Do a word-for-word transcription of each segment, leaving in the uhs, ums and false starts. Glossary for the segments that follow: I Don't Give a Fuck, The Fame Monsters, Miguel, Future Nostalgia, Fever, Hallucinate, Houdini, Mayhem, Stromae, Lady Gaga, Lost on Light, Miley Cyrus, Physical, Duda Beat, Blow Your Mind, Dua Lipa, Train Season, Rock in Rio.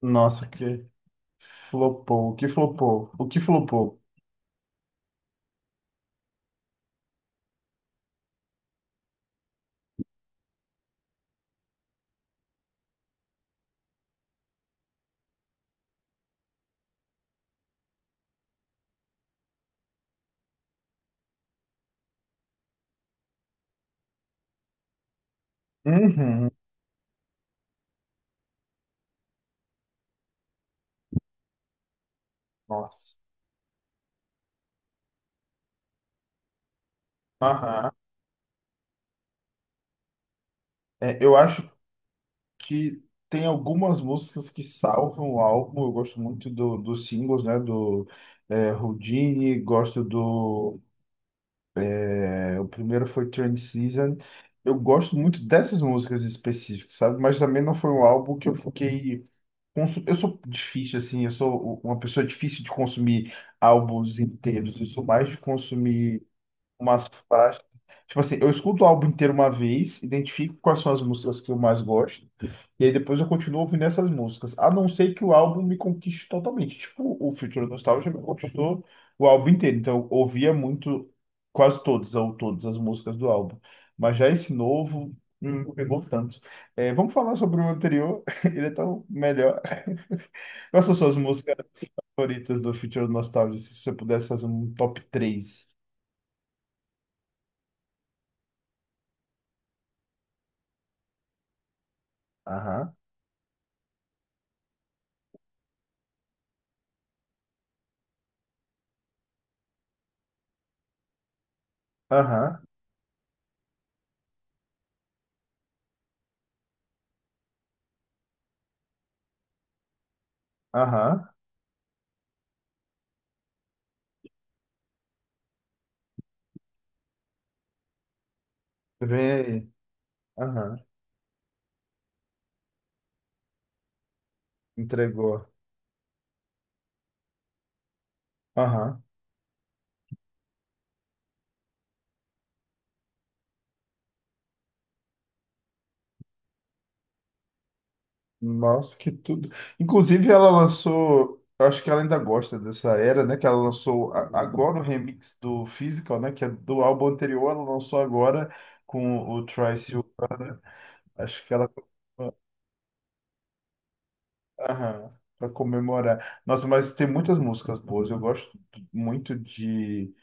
Nossa, que flopou, o que flopou, o que flopou. Uhum. Nossa. Aham. É, eu acho que tem algumas músicas que salvam o álbum. Eu gosto muito do, dos singles, né? Do é, Houdini, gosto do. é, o primeiro foi Train Season. Eu gosto muito dessas músicas específicas, sabe? Mas também não foi um álbum que eu fiquei. consu- Eu sou difícil, assim, eu sou uma pessoa difícil de consumir álbuns inteiros. Eu sou mais de consumir umas faixas. Tipo assim, eu escuto o álbum inteiro uma vez, identifico quais são as músicas que eu mais gosto, e aí depois eu continuo ouvindo essas músicas, a não ser que o álbum me conquiste totalmente. Tipo, o Future Nostalgia me conquistou o álbum inteiro, então eu ouvia muito, quase todas ou todas as músicas do álbum. Mas já esse novo, hum, não pegou tanto. É, vamos falar sobre o anterior, ele é tão melhor. Quais são suas músicas favoritas do Future Nostalgia, se você pudesse fazer um top três? Aham, aham, aham. Vem, aham, entregou. Aham. Nossa, que tudo. Inclusive, ela lançou, eu acho que ela ainda gosta dessa era, né? Que ela lançou a- agora o remix do Physical, né? Que é do álbum anterior, ela lançou agora com o Trice. Acho que ela. Aham, pra comemorar. Nossa, mas tem muitas músicas boas. Eu gosto muito de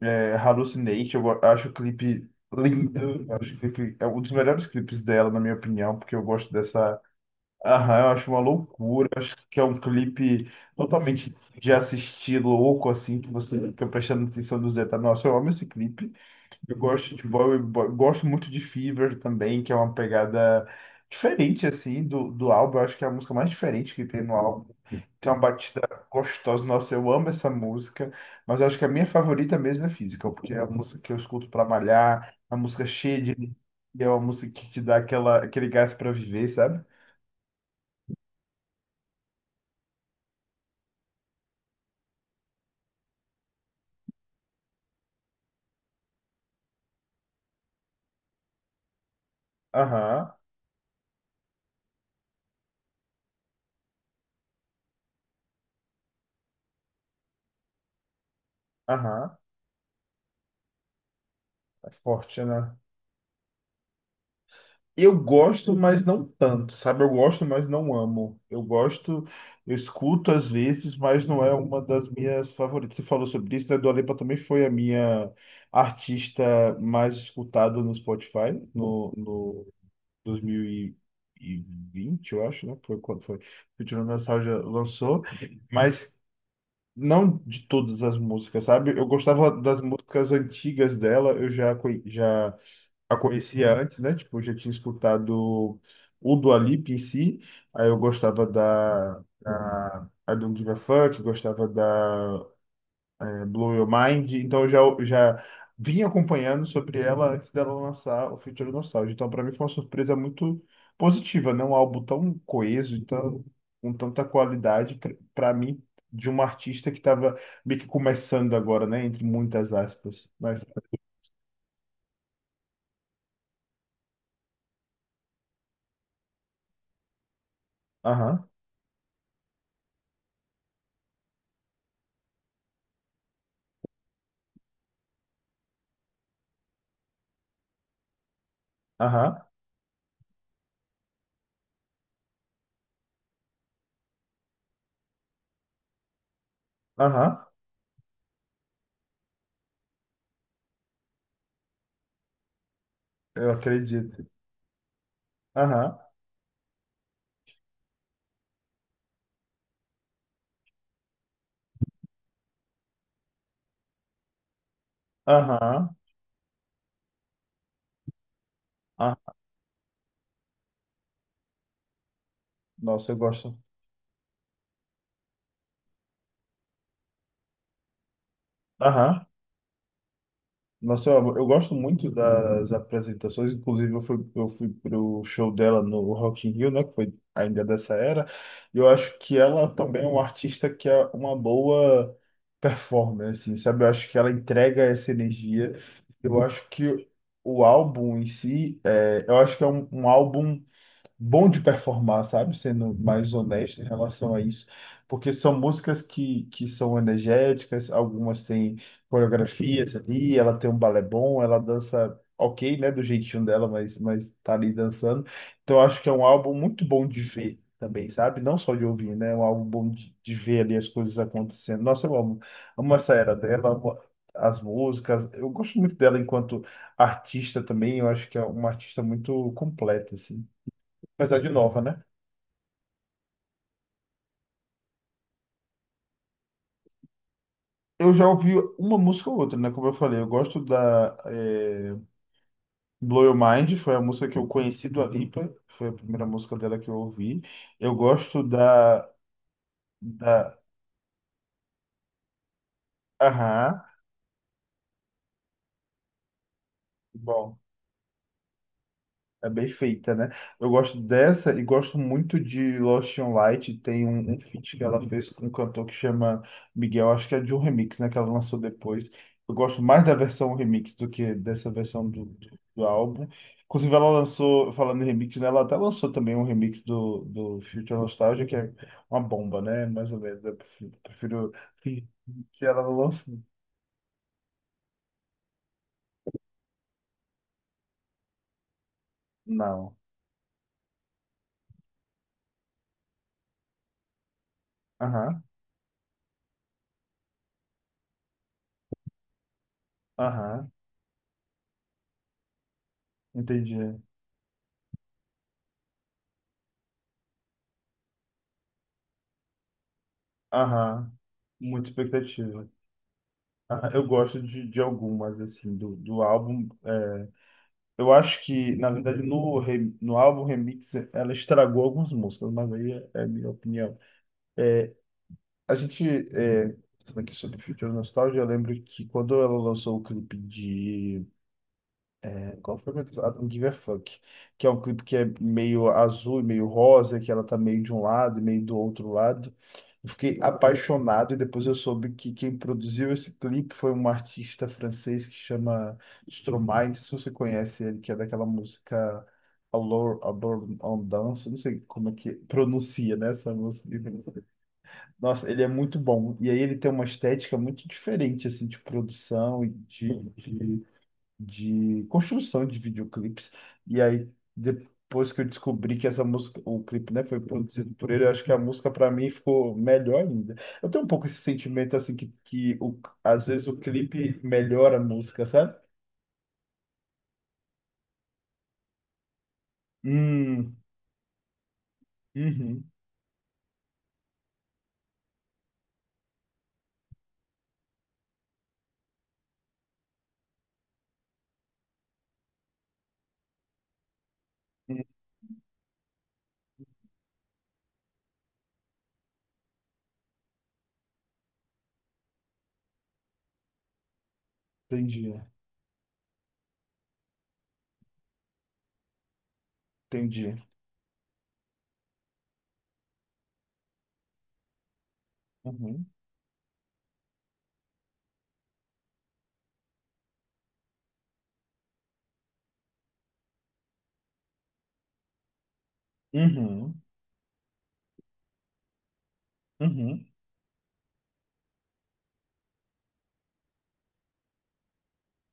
é, Hallucinate. Eu go- acho o clipe lindo. Eu acho que o clipe é um dos melhores clipes dela, na minha opinião, porque eu gosto dessa. Aham, eu acho uma loucura. Eu acho que é um clipe totalmente de assistir louco, assim, que você fica prestando atenção nos detalhes. Nossa, eu amo esse clipe. Eu gosto de Boy, Boy- gosto muito de Fever também, que é uma pegada diferente, assim, do, do, álbum. Eu acho que é a música mais diferente que tem no álbum. Tem uma batida gostosa. Nossa, eu amo essa música, mas eu acho que a minha favorita mesmo é Physical, porque é a música que eu escuto para malhar, é uma música cheia de energia. É uma música que te dá aquela, aquele gás para viver, sabe? Aham. Aham, é forte, né? Eu gosto, mas não tanto, sabe? Eu gosto, mas não amo. Eu gosto, eu escuto às vezes, mas não é uma das minhas favoritas. Você falou sobre isso, né? Dua Lipa também foi a minha artista mais escutada no Spotify no, no, dois mil e vinte, eu acho, né? Foi quando foi. Futura Nostalgia lançou, mas não de todas as músicas, sabe? Eu gostava das músicas antigas dela, eu já, conhe- já a conhecia antes, né? Tipo, eu já tinha escutado o Dua Lipa em si, aí eu gostava da, da I Don't Give a Fuck, gostava da eh, Blow Your Mind, então eu já, eu já vinha acompanhando sobre ela antes dela lançar o Future Nostalgia, então para mim foi uma surpresa muito positiva, né? Um álbum tão coeso, então com tanta qualidade para mim de uma artista que estava meio que começando agora, né? Entre muitas aspas, mas aham, aham, aham. Eu acredito. Aham, aham. Ah, nossa, eu gosto. Aham, nossa, eu, eu gosto muito das apresentações. Inclusive, eu fui, eu fui pro show dela no Rock in Rio, né? Que foi ainda dessa era. E eu acho que ela também é uma artista que é uma boa performance, assim, sabe? Eu acho que ela entrega essa energia. Eu acho que o álbum em si, é, eu acho que é um um álbum bom de performar, sabe? Sendo mais honesto em relação a isso. Porque são músicas que, que são energéticas, algumas têm coreografias ali, ela tem um balé bom, ela dança ok, né? Do jeitinho dela, mas, mas tá ali dançando. Então eu acho que é um álbum muito bom de ver também, sabe? Não só de ouvir, né? É um álbum bom de, de, ver ali as coisas acontecendo. Nossa, eu amo, amo essa era dela, amo as músicas. Eu gosto muito dela enquanto artista também, eu acho que é uma artista muito completa, assim. Apesar de nova, né? Eu já ouvi uma música ou outra, né? Como eu falei, eu gosto da eh, Blow Your Mind, foi a música que eu conheci do Alipa, foi a primeira música dela que eu ouvi. Eu gosto da, da, Aham, bom. É bem feita, né? Eu gosto dessa e gosto muito de Lost on Light. Tem um, um feat que ela fez com um cantor que chama Miguel, acho que é de um remix, né? Que ela lançou depois. Eu gosto mais da versão remix do que dessa versão do, do, do, álbum. Inclusive, ela lançou, falando em remix, né? Ela até lançou também um remix do, do Future Nostalgia, que é uma bomba, né? Mais ou menos. Eu prefiro, prefiro que que ela não lance. Não. Aham, aham, entendi. Aham, muita expectativa. Ah, eu gosto de, de, algumas, assim, do, do álbum. É, eu acho que, na verdade, no, re- no álbum Remix, ela estragou algumas músicas, mas aí é, é minha opinião. É, a gente, é, falando aqui sobre Future Nostalgia, eu lembro que quando ela lançou o clipe, qual foi, meu Deus? I Don't Give a Fuck. Que é um clipe que é meio azul e meio rosa, que ela tá meio de um lado e meio do outro lado. Eu fiquei apaixonado e depois eu soube que quem produziu esse clipe foi um artista francês que chama Stromae. Não sei se você conhece ele, que é daquela música Allure Allure on Dance. Não sei como é que pronuncia, né, essa música. Nossa, ele é muito bom. E aí ele tem uma estética muito diferente, assim, de produção e de, de construção de videoclipes. E aí, depois que eu descobri que essa música, o clipe, né, foi produzido por ele, eu acho que a música para mim ficou melhor ainda. Eu tenho um pouco esse sentimento assim que, que o, às vezes o clipe melhora a música, sabe? Hum. Uhum. Hum, entendi, entendi. Uhum, uhum, uhum.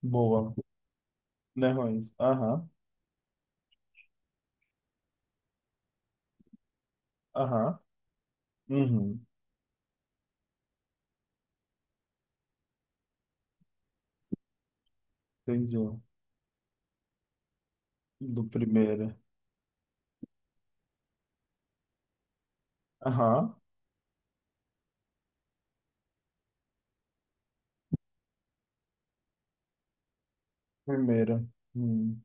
Boa, né, Ruiz? Aham, aham, uhum, entendi. Do primeiro. Aham, primeiro. Hum.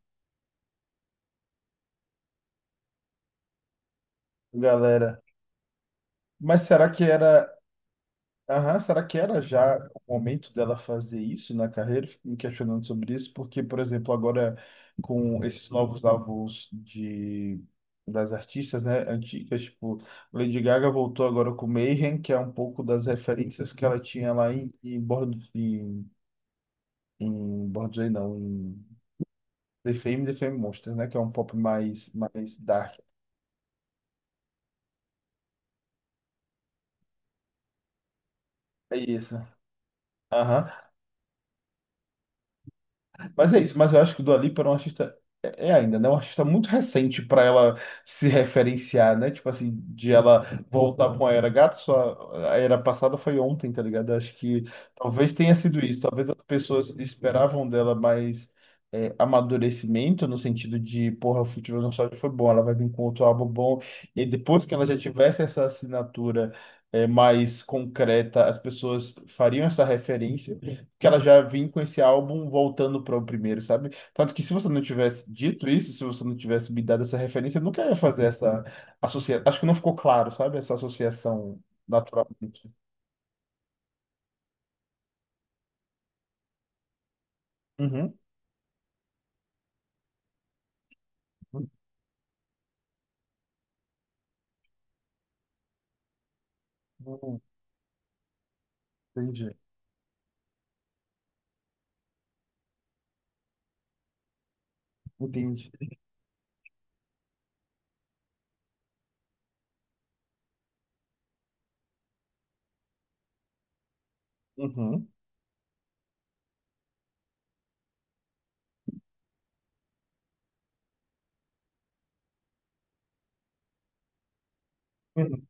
Galera. Mas será que era. Aham, será que era já o momento dela fazer isso na carreira? Fico me questionando sobre isso, porque, por exemplo, agora com esses novos álbuns de, das artistas, né, antigas, tipo, Lady Gaga voltou agora com Mayhem, que é um pouco das referências que ela tinha lá em, em, Born, em, em Born This não, em The Fame, The Fame Monsters, né, que é um pop mais, mais dark. É isso. Aham. Mas é isso, mas eu acho que o Dua Lipa era um artista. É é ainda, né? Um artista muito recente para ela se referenciar, né? Tipo assim, de ela voltar com a era gato, só a era passada foi ontem, tá ligado? Acho que talvez tenha sido isso. Talvez as pessoas esperavam dela mais é, amadurecimento, no sentido de, porra, o Futebol Nostálgico foi bom, ela vai vir com outro álbum bom. E aí, depois que ela já tivesse essa assinatura é, mais concreta, as pessoas fariam essa referência que ela já vinha com esse álbum voltando para o primeiro, sabe? Tanto que se você não tivesse dito isso, se você não tivesse me dado essa referência, eu nunca ia fazer essa associação. Acho que não ficou claro, sabe? Essa associação naturalmente. Uhum. Uhum. Entendi. Entendi. Uhum. Uhum.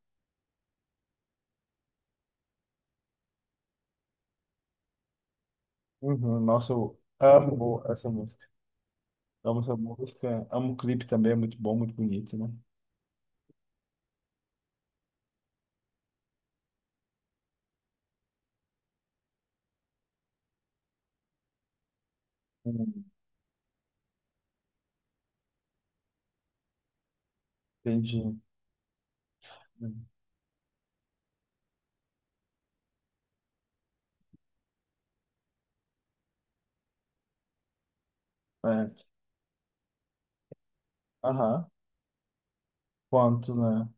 Uhum. Nossa, eu amo essa música. Amo essa música. Amo o clipe também, é muito bom, muito bonito, né? Uhum. Entendi. Uhum. É. Aham. Quanto, né?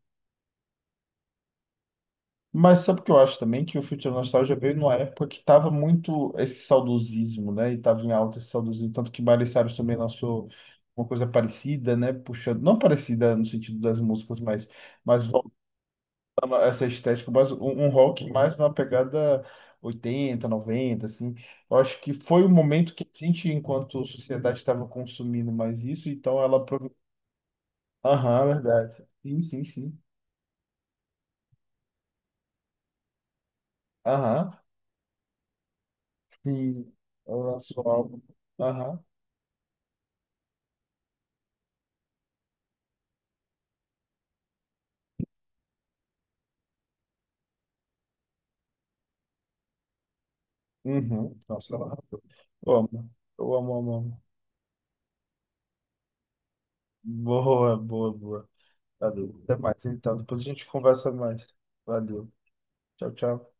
Mas sabe o que eu acho também? Que o Future Nostalgia veio numa época que estava muito esse saudosismo, né? E estava em alta esse saudosismo. Tanto que Miley Cyrus também lançou uma coisa parecida, né? Puxando, não parecida no sentido das músicas, mas, mas, voltando a essa estética, mas um, um rock mais numa pegada oitenta noventa, assim. Eu acho que foi o momento que a gente, enquanto sociedade, estava consumindo mais isso, então ela aproveitou. Aham, verdade. Sim, sim, sim. Aham. Sim, ela lançou o álbum. Aham. Uhum. Nossa, eu amo. Eu amo, eu amo, amo, amo. Boa, boa, boa. Valeu. Até mais, então. Depois a gente conversa mais. Valeu. Tchau, tchau.